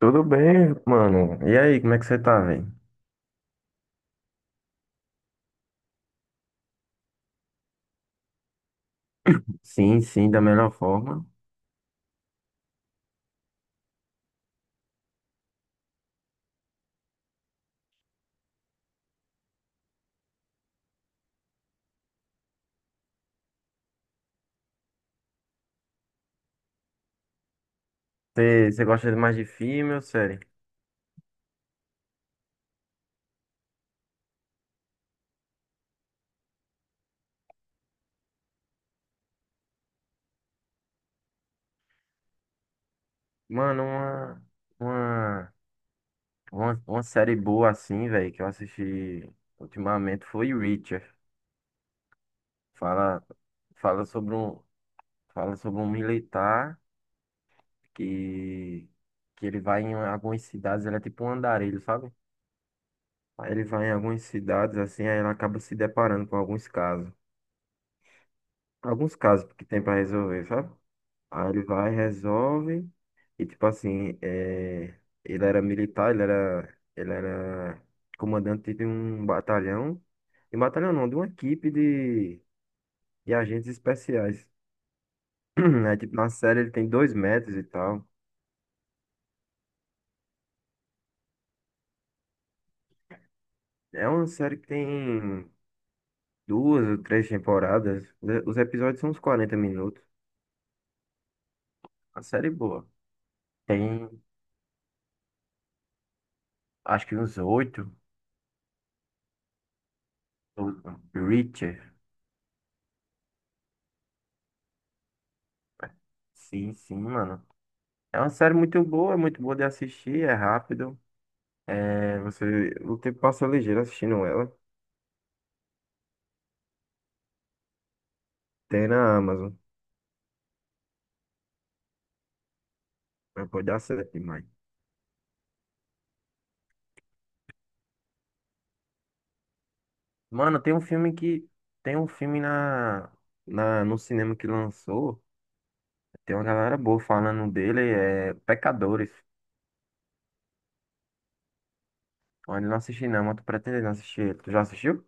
Tudo bem, mano? E aí, como é que você tá, velho? Sim, sim, da melhor forma. Você gosta de mais de filme ou série? Mano, uma, uma série boa assim, velho, que eu assisti ultimamente foi Reacher. Fala, fala sobre um, fala sobre um militar que, que ele vai em algumas cidades, ele é tipo um andarilho, sabe? Aí ele vai em algumas cidades assim, aí ele acaba se deparando com alguns casos. Alguns casos que tem pra resolver, sabe? Aí ele vai, resolve. E tipo assim, ele era militar, ele era comandante de um batalhão. De um batalhão não, de uma equipe de agentes especiais. Aí, tipo, na série ele tem 2 metros e tal. É uma série que tem duas ou três temporadas, né? Os episódios são uns 40 minutos. Uma série é boa. Tem, acho que uns oito. o- Reacher. Sim, sim, mano. É uma série muito boa, é muito boa de assistir, é rápido. O tempo passa ligeiro assistindo ela. Tem na Amazon. Mas pode dar certo demais. Mano, tem um filme que. tem um filme no cinema que lançou. Tem uma galera boa falando dele. É Pecadores. Olha, eu não assisti não, mas tô pretendendo assistir. Tu já assistiu?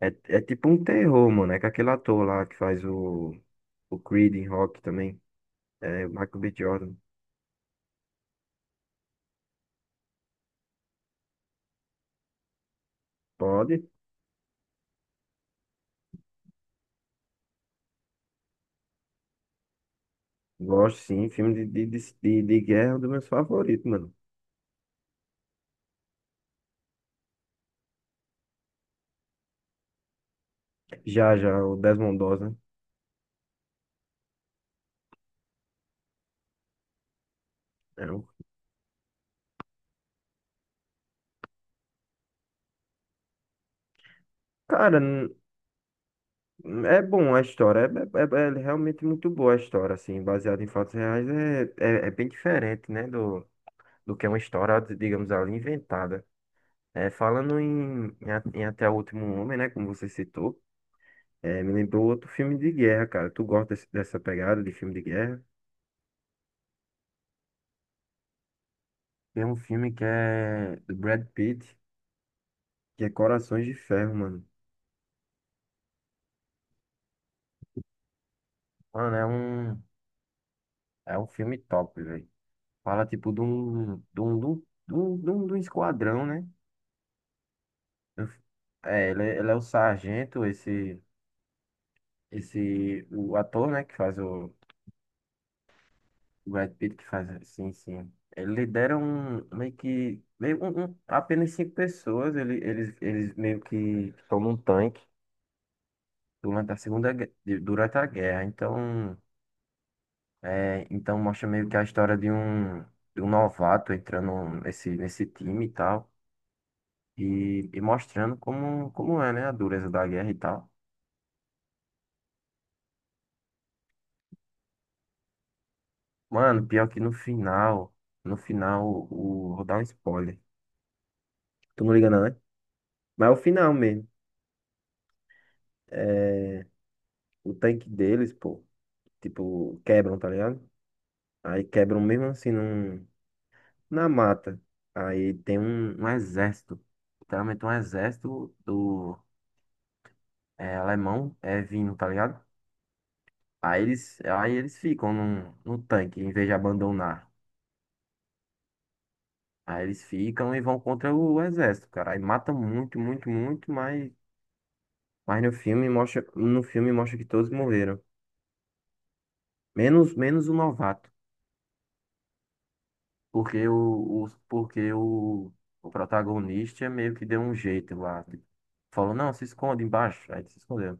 É, é tipo um terror, mano. É com aquele ator lá que faz o, Creed em Rock também. É o Michael B. Jordan. Pode? Gosto sim, filme de guerra é um dos meus favoritos, mano. Já, já, o Desmond Doss, né? É um- Cara, é bom a história, é realmente muito boa a história, assim, baseada em fatos reais, é bem diferente, né, do, do que é uma história, digamos ali, inventada. É, falando em Até o Último Homem, né, como você citou, me lembrou outro filme de guerra, cara. Tu gosta dessa pegada de filme de guerra? Tem um filme que é do Brad Pitt, que é Corações de Ferro, mano. Mano, é um. É um filme top, velho. Fala, tipo, de um esquadrão, né? Eu- ele é o sargento, o ator, né, que faz o Brad Pitt, que faz, sim, sim. Ele lidera um, meio que, meio, um- apenas cinco pessoas, eles meio que estão num tanque durante a guerra. Então, então mostra meio que a história de um novato entrando nesse time e tal. E mostrando como é, né? A dureza da guerra e tal. Mano, pior que no final, vou dar um spoiler. Tu não liga não, né? Mas é o final mesmo. É, o tanque deles, pô, tipo, quebram, tá ligado? Aí quebram mesmo assim na mata. Aí tem um exército. Literalmente um exército alemão é vindo, tá ligado? Aí eles ficam no tanque, em vez de abandonar. Aí eles ficam e vão contra o exército, cara. Aí matam muito, muito, muito, mas no filme mostra que todos morreram. Menos, menos o novato. Porque o protagonista meio que deu um jeito lá. Tipo, falou, não, se esconde embaixo. Aí ele se escondeu.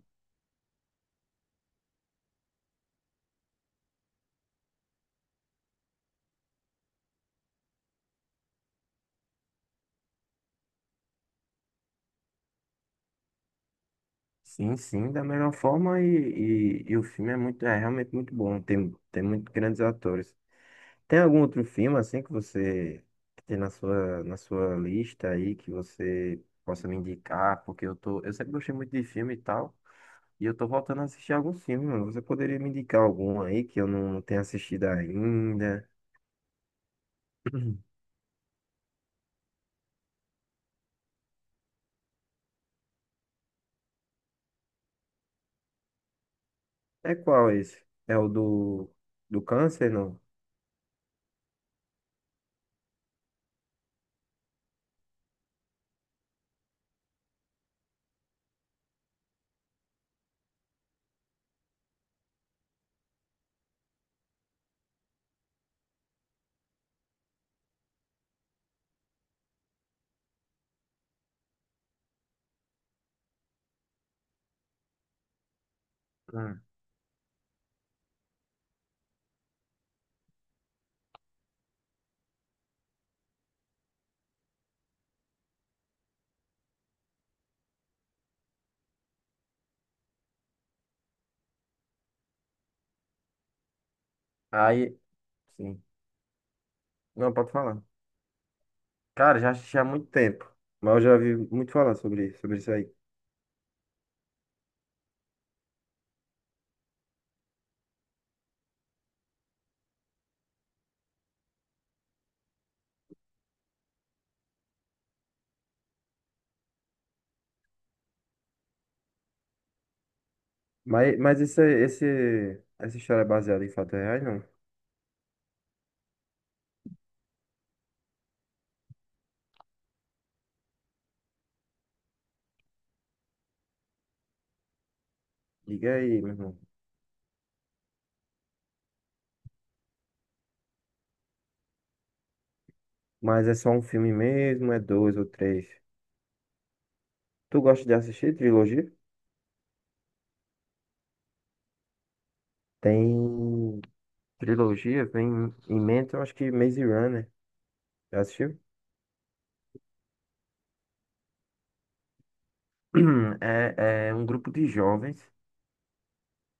Sim, sim, da melhor forma e o filme é é realmente muito bom. Tem muito grandes atores. Tem algum outro filme assim que tem na sua lista aí que você possa me indicar? Porque eu sempre gostei muito de filme e tal, e eu tô voltando a assistir alguns filmes, mano. Você poderia me indicar algum aí que eu não tenha assistido ainda? É qual esse? É o do câncer, não? Hum. Aí, sim. Não, pode falar. Cara, já assisti há muito tempo, mas eu já vi muito falar sobre isso aí. Mas essa história é baseada em fatos reais, não? Diga aí, meu irmão. Mas é só um filme mesmo? É dois ou três? Tu gosta de assistir trilogia? Tem trilogia, vem em mente, eu acho que Maze Runner. Já assistiu? É um grupo de jovens.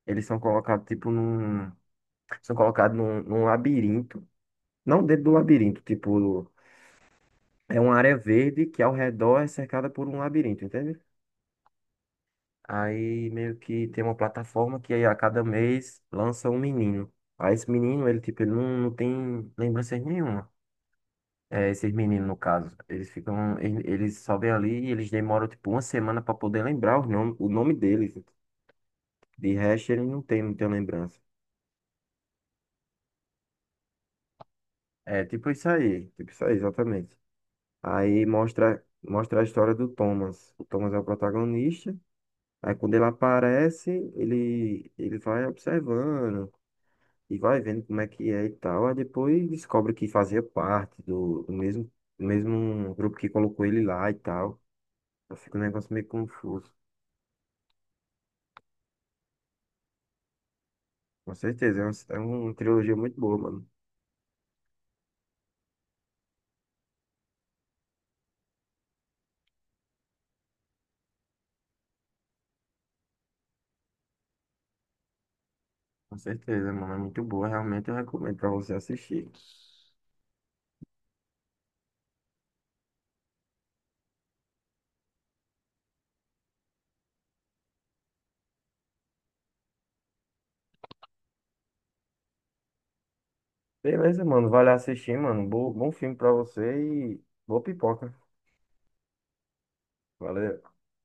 Eles são colocados, tipo, num. São colocados num labirinto. Não dentro do labirinto, tipo. É uma área verde que ao redor é cercada por um labirinto, entende? Aí meio que tem uma plataforma que aí a cada mês lança um menino. Aí esse menino, ele não tem lembranças nenhuma. Esses meninos, no caso. Eles ficam. Eles só vêm ali e eles demoram tipo uma semana para poder lembrar o nome deles. De resto, ele não tem muita lembrança. É tipo isso aí. Tipo isso aí, exatamente. Aí mostra a história do Thomas. O Thomas é o protagonista. Aí quando ele aparece, ele vai observando. E vai vendo como é que é e tal. Aí depois descobre que fazia parte do mesmo grupo que colocou ele lá e tal. Aí fica um negócio meio confuso. Com certeza, é uma trilogia muito boa, mano. Com certeza, mano, é muito boa. Realmente eu recomendo pra você assistir. Beleza, mano, vai lá assistir, mano. Bom filme pra você e boa pipoca. Valeu.